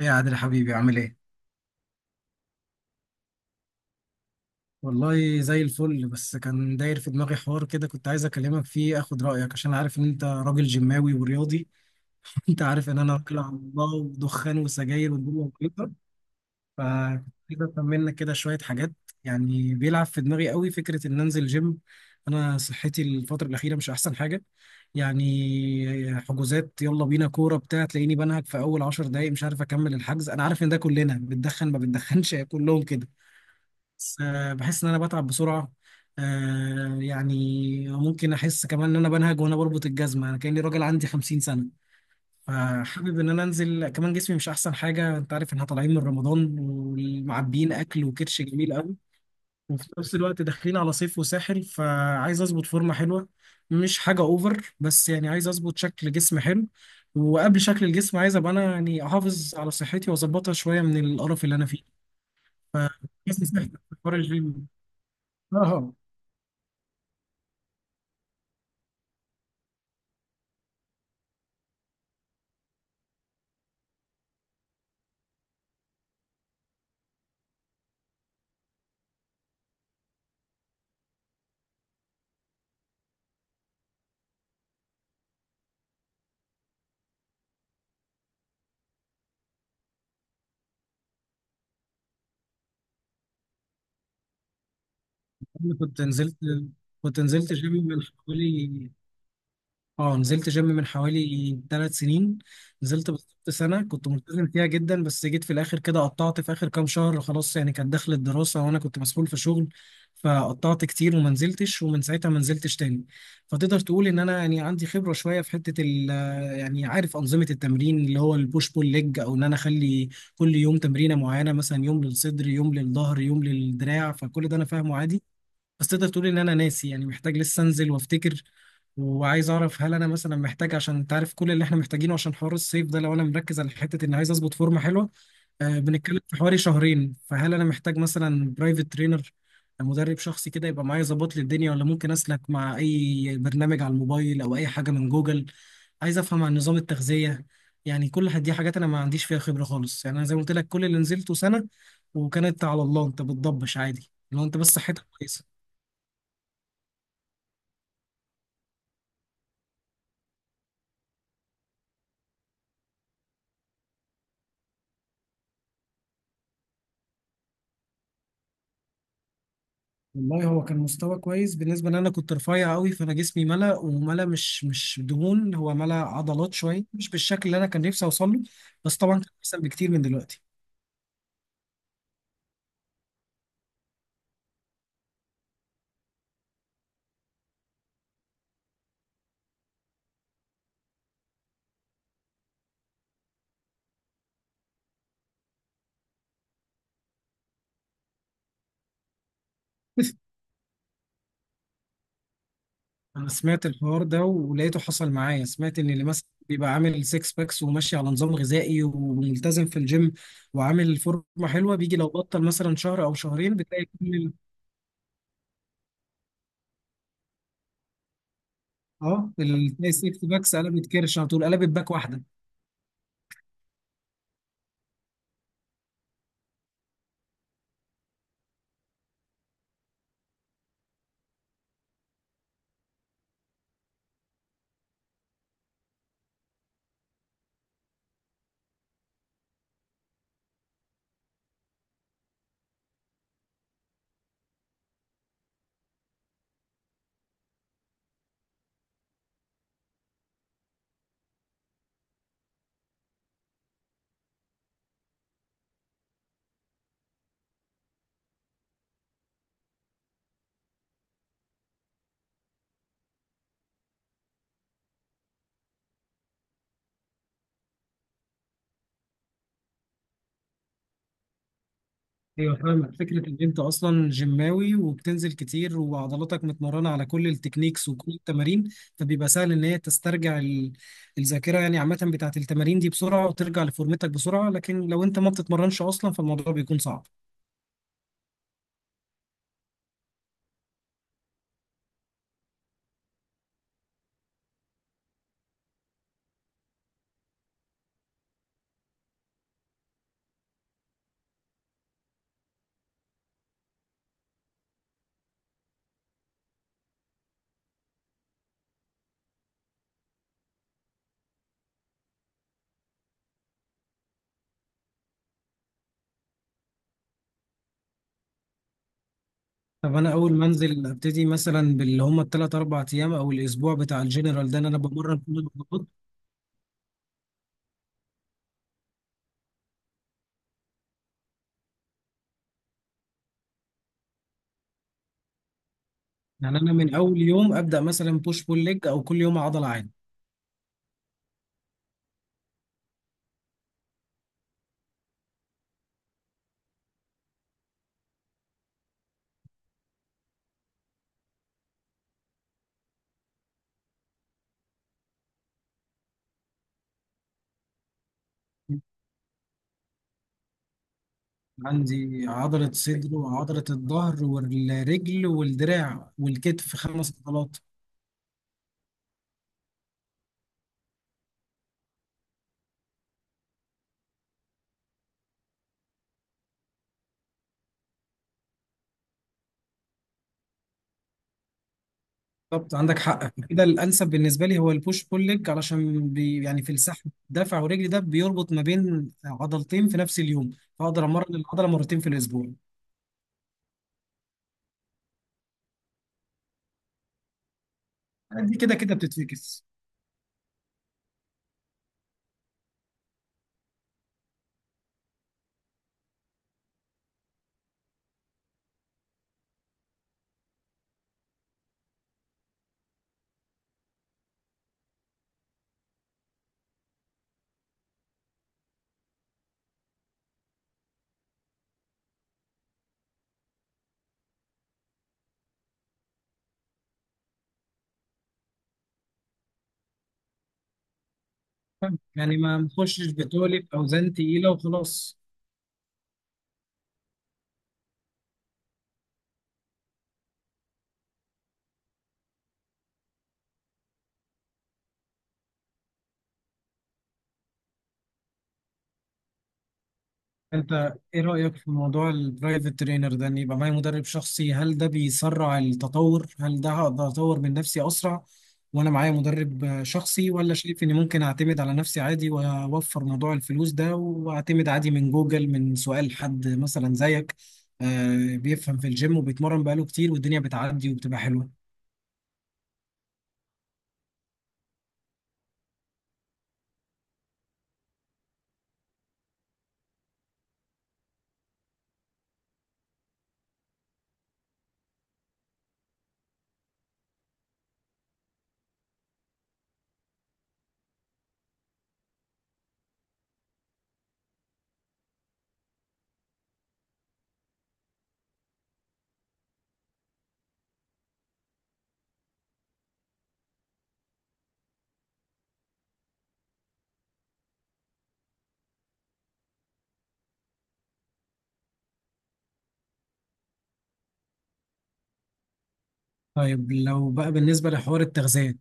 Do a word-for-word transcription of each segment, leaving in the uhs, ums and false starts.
ايه يا عادل حبيبي عامل ايه؟ والله زي الفل، بس كان داير في دماغي حوار كده، كنت عايز اكلمك فيه اخد رايك عشان عارف ان انت راجل جيماوي ورياضي. انت عارف ان انا راجل على الله ودخان وسجاير والدنيا كلها. فكنت عايز افهم منك كده شويه حاجات. يعني بيلعب في دماغي قوي فكره ان انزل جيم. انا صحتي الفتره الاخيره مش احسن حاجه. يعني حجوزات يلا بينا كوره بتاع تلاقيني بنهج في اول عشر دقايق مش عارف اكمل الحجز. انا عارف ان ده كلنا بتدخن ما بتدخنش كلهم كده. بس آه، بحس ان انا بتعب بسرعه. آه، يعني ممكن احس كمان ان انا بنهج وانا بربط الجزمه، انا كاني راجل عندي خمسين سنة سنه. فحابب ان انا انزل، كمان جسمي مش احسن حاجه. انت عارف ان احنا طالعين من رمضان ومعبيين اكل وكرش جميل قوي. وفي نفس الوقت داخلين على صيف وساحل، فعايز اظبط فورمه حلوه. مش حاجه اوفر، بس يعني عايز اظبط شكل جسم حلو. وقبل شكل الجسم عايز ابقى انا يعني احافظ على صحتي واظبطها شويه من القرف اللي انا فيه. فجسمي صحتك في حوار الجيم. اه، انا كنت نزلت كنت نزلت جيم من حوالي اه نزلت جيم من حوالي ثلاث سنين. نزلت بالظبط سنة كنت ملتزم فيها جدا، بس جيت في الآخر كده قطعت في آخر كام شهر خلاص. يعني كانت دخل الدراسة وأنا كنت مسؤول في شغل، فقطعت كتير وما نزلتش، ومن ساعتها ما نزلتش تاني. فتقدر تقول إن أنا يعني عندي خبرة شوية في حتة ال، يعني عارف أنظمة التمرين اللي هو البوش بول ليج، أو إن أنا أخلي كل يوم تمرينة معينة، مثلا يوم للصدر، يوم للظهر، يوم للدراع. فكل ده أنا فاهمه عادي. بس تقدر تقول ان انا ناسي، يعني محتاج لسه انزل وافتكر. وعايز اعرف هل انا مثلا محتاج، عشان تعرف كل اللي احنا محتاجينه عشان حوار الصيف ده، لو انا مركز على حته ان عايز اظبط فورمه حلوه، آه بنتكلم في حوالي شهرين، فهل انا محتاج مثلا برايفت ترينر، مدرب شخصي كده يبقى معايا يظبط لي الدنيا، ولا ممكن اسلك مع اي برنامج على الموبايل او اي حاجه من جوجل؟ عايز افهم عن نظام التغذيه. يعني كل حد- دي حاجات انا ما عنديش فيها خبره خالص. يعني انا زي ما قلت لك كل اللي نزلته سنه، وكانت على الله، انت بتضبش عادي لو انت بس صحتك كويسه. والله هو كان مستوى كويس، بالنسبة ان انا كنت رفيع قوي، فانا جسمي ملا، وملا مش مش دهون، هو ملا عضلات شوية، مش بالشكل اللي انا كان نفسي اوصل له. بس طبعا كان احسن بكتير من دلوقتي. انا سمعت الحوار ده ولقيته حصل معايا. سمعت ان اللي مثلا بيبقى عامل سيكس باكس وماشي على نظام غذائي وملتزم في الجيم وعامل فورمة حلوة، بيجي لو بطل مثلا شهر او شهرين بتلاقي كل ال- اه بتلاقي السيكس باكس قلبت كرش على طول، قلبت باك واحدة. ايوه فاهمك. فكره ان انت اصلا جيماوي وبتنزل كتير وعضلاتك متمرنه على كل التكنيكس وكل التمارين، فبيبقى سهل ان هي تسترجع ال- الذاكره، يعني عامه بتاعه التمارين دي بسرعه وترجع لفورمتك بسرعه، لكن لو انت ما بتتمرنش اصلا فالموضوع بيكون صعب. طب انا اول ما انزل ابتدي مثلا باللي هم الثلاث اربع ايام او الاسبوع بتاع الجنرال ده، إن انا بمرن كل العضلات؟ يعني انا من اول يوم ابدا مثلا بوش بول ليج او كل يوم عضله عادي. عندي عضلة صدر وعضلة الظهر والرجل والدراع والكتف، خمس عضلات. بالظبط عندك حق، كده الأنسب بالنسبة لي هو البوش بول ليج، علشان بي يعني في السحب دفع ورجلي ده بيربط ما بين عضلتين في نفس اليوم، فأقدر أمرن العضلة مرتين في الأسبوع. دي كده كده بتتفكس. يعني ما نخشش بتولد أوزان تقيلة وخلاص. انت ايه رأيك في موضوع البرايفت ترينر ده، ان يبقى معايا مدرب شخصي؟ هل ده بيسرع التطور؟ هل ده هقدر اطور من نفسي اسرع وانا معايا مدرب آه، شخصي، ولا شايف اني ممكن اعتمد على نفسي عادي واوفر موضوع الفلوس ده واعتمد عادي من جوجل، من سؤال حد مثلا زيك آه، بيفهم في الجيم وبيتمرن بقاله كتير والدنيا بتعدي وبتبقى حلوة؟ طيب لو بقى بالنسبة لحوار التغذية،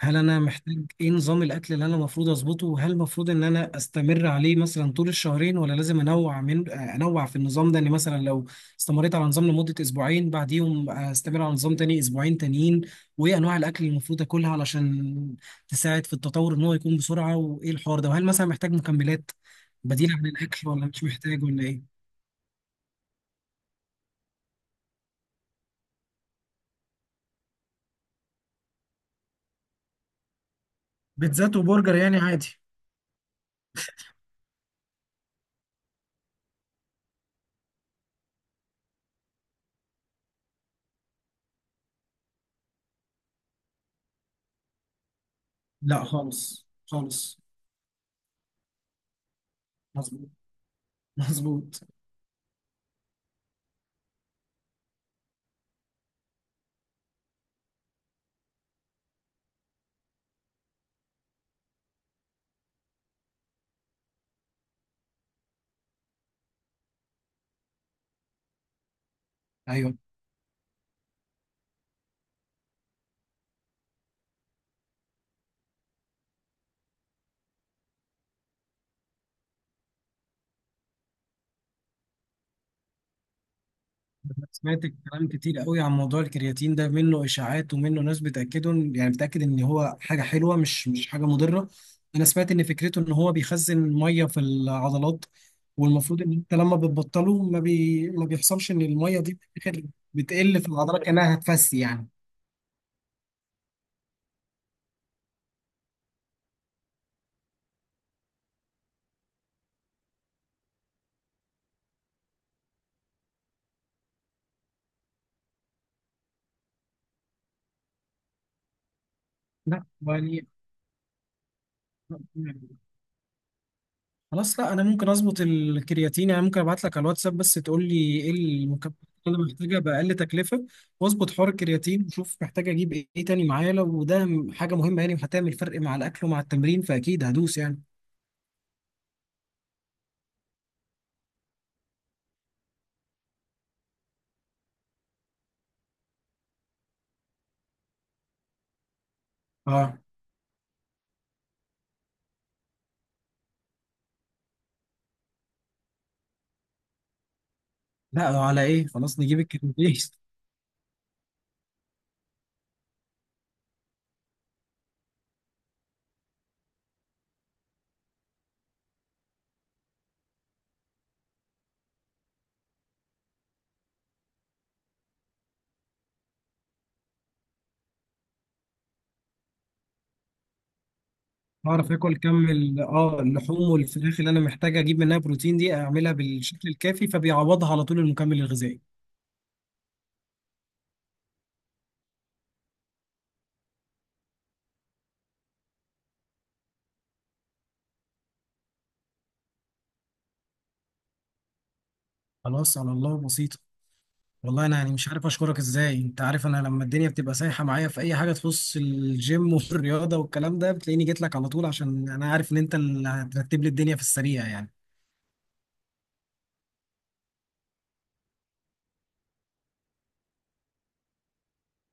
هل أنا محتاج إيه نظام الأكل اللي أنا المفروض أظبطه؟ وهل المفروض إن أنا أستمر عليه مثلا طول الشهرين، ولا لازم أنوع من أنوع في النظام ده؟ إني مثلا لو استمريت على نظام لمدة أسبوعين بعديهم أستمر على نظام تاني أسبوعين تانيين. وإيه أنواع الأكل اللي المفروض آكلها علشان تساعد في التطور إن هو يكون بسرعة؟ وإيه الحوار ده؟ وهل مثلا محتاج مكملات بديلة عن الأكل، ولا مش محتاج، ولا إيه؟ بيتزات وبرجر يعني عادي. لا خالص خالص. مظبوط مظبوط. ايوه. أنا سمعت كلام كتير قوي عن موضوع الكرياتين ده، منه اشاعات ومنه ناس بتاكده، يعني بتاكد ان هو حاجه حلوه، مش مش حاجه مضره. انا سمعت ان فكرته ان هو بيخزن ميه في العضلات، والمفروض ان انت لما بتبطله ما بي ما بيحصلش ان الميه دي بتاخد- بتقل في العضلات، كانها هتفسي يعني. لا يعني خلاص، لا انا ممكن اظبط الكرياتين. يعني ممكن ابعت لك على الواتساب، بس تقول لي ايه المكملات اللي انا محتاجها باقل تكلفه، واظبط حوار الكرياتين وشوف محتاج اجيب ايه تاني معايا لو ده م- حاجه مهمه. يعني هتعمل فرق مع الاكل ومع التمرين فاكيد هدوس يعني. اه، لا على ايه، خلاص نجيب الكرياتين. اعرف اكل كم ال- اه اللحوم والفراخ اللي انا محتاج اجيب منها بروتين دي، اعملها بالشكل الكافي فبيعوضها على طول المكمل الغذائي. خلاص على الله بسيط. والله انا يعني مش عارف اشكرك ازاي، انت عارف انا لما الدنيا بتبقى سايحه معايا في اي حاجه تخص الجيم والرياضه والكلام ده بتلاقيني جيت لك على طول، عشان انا عارف ان انت اللي هترتب لي الدنيا في السريع يعني.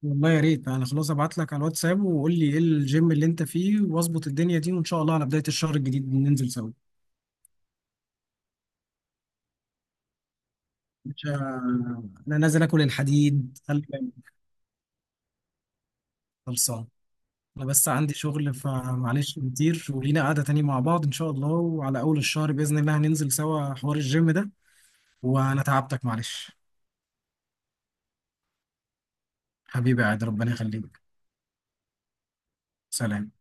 والله يا ريت. انا خلاص ابعت لك على الواتساب وقول لي ايه الجيم اللي انت فيه واظبط الدنيا دي، وان شاء الله على بدايه الشهر الجديد ننزل سوا. مش انا نازل اكل الحديد خلي بالك. خلصان. انا بس عندي شغل فمعلش كتير، ولينا قعده تاني مع بعض ان شاء الله، وعلى اول الشهر باذن الله هننزل سوا حوار الجيم ده. وانا تعبتك معلش. حبيبي عاد ربنا يخليك. سلام.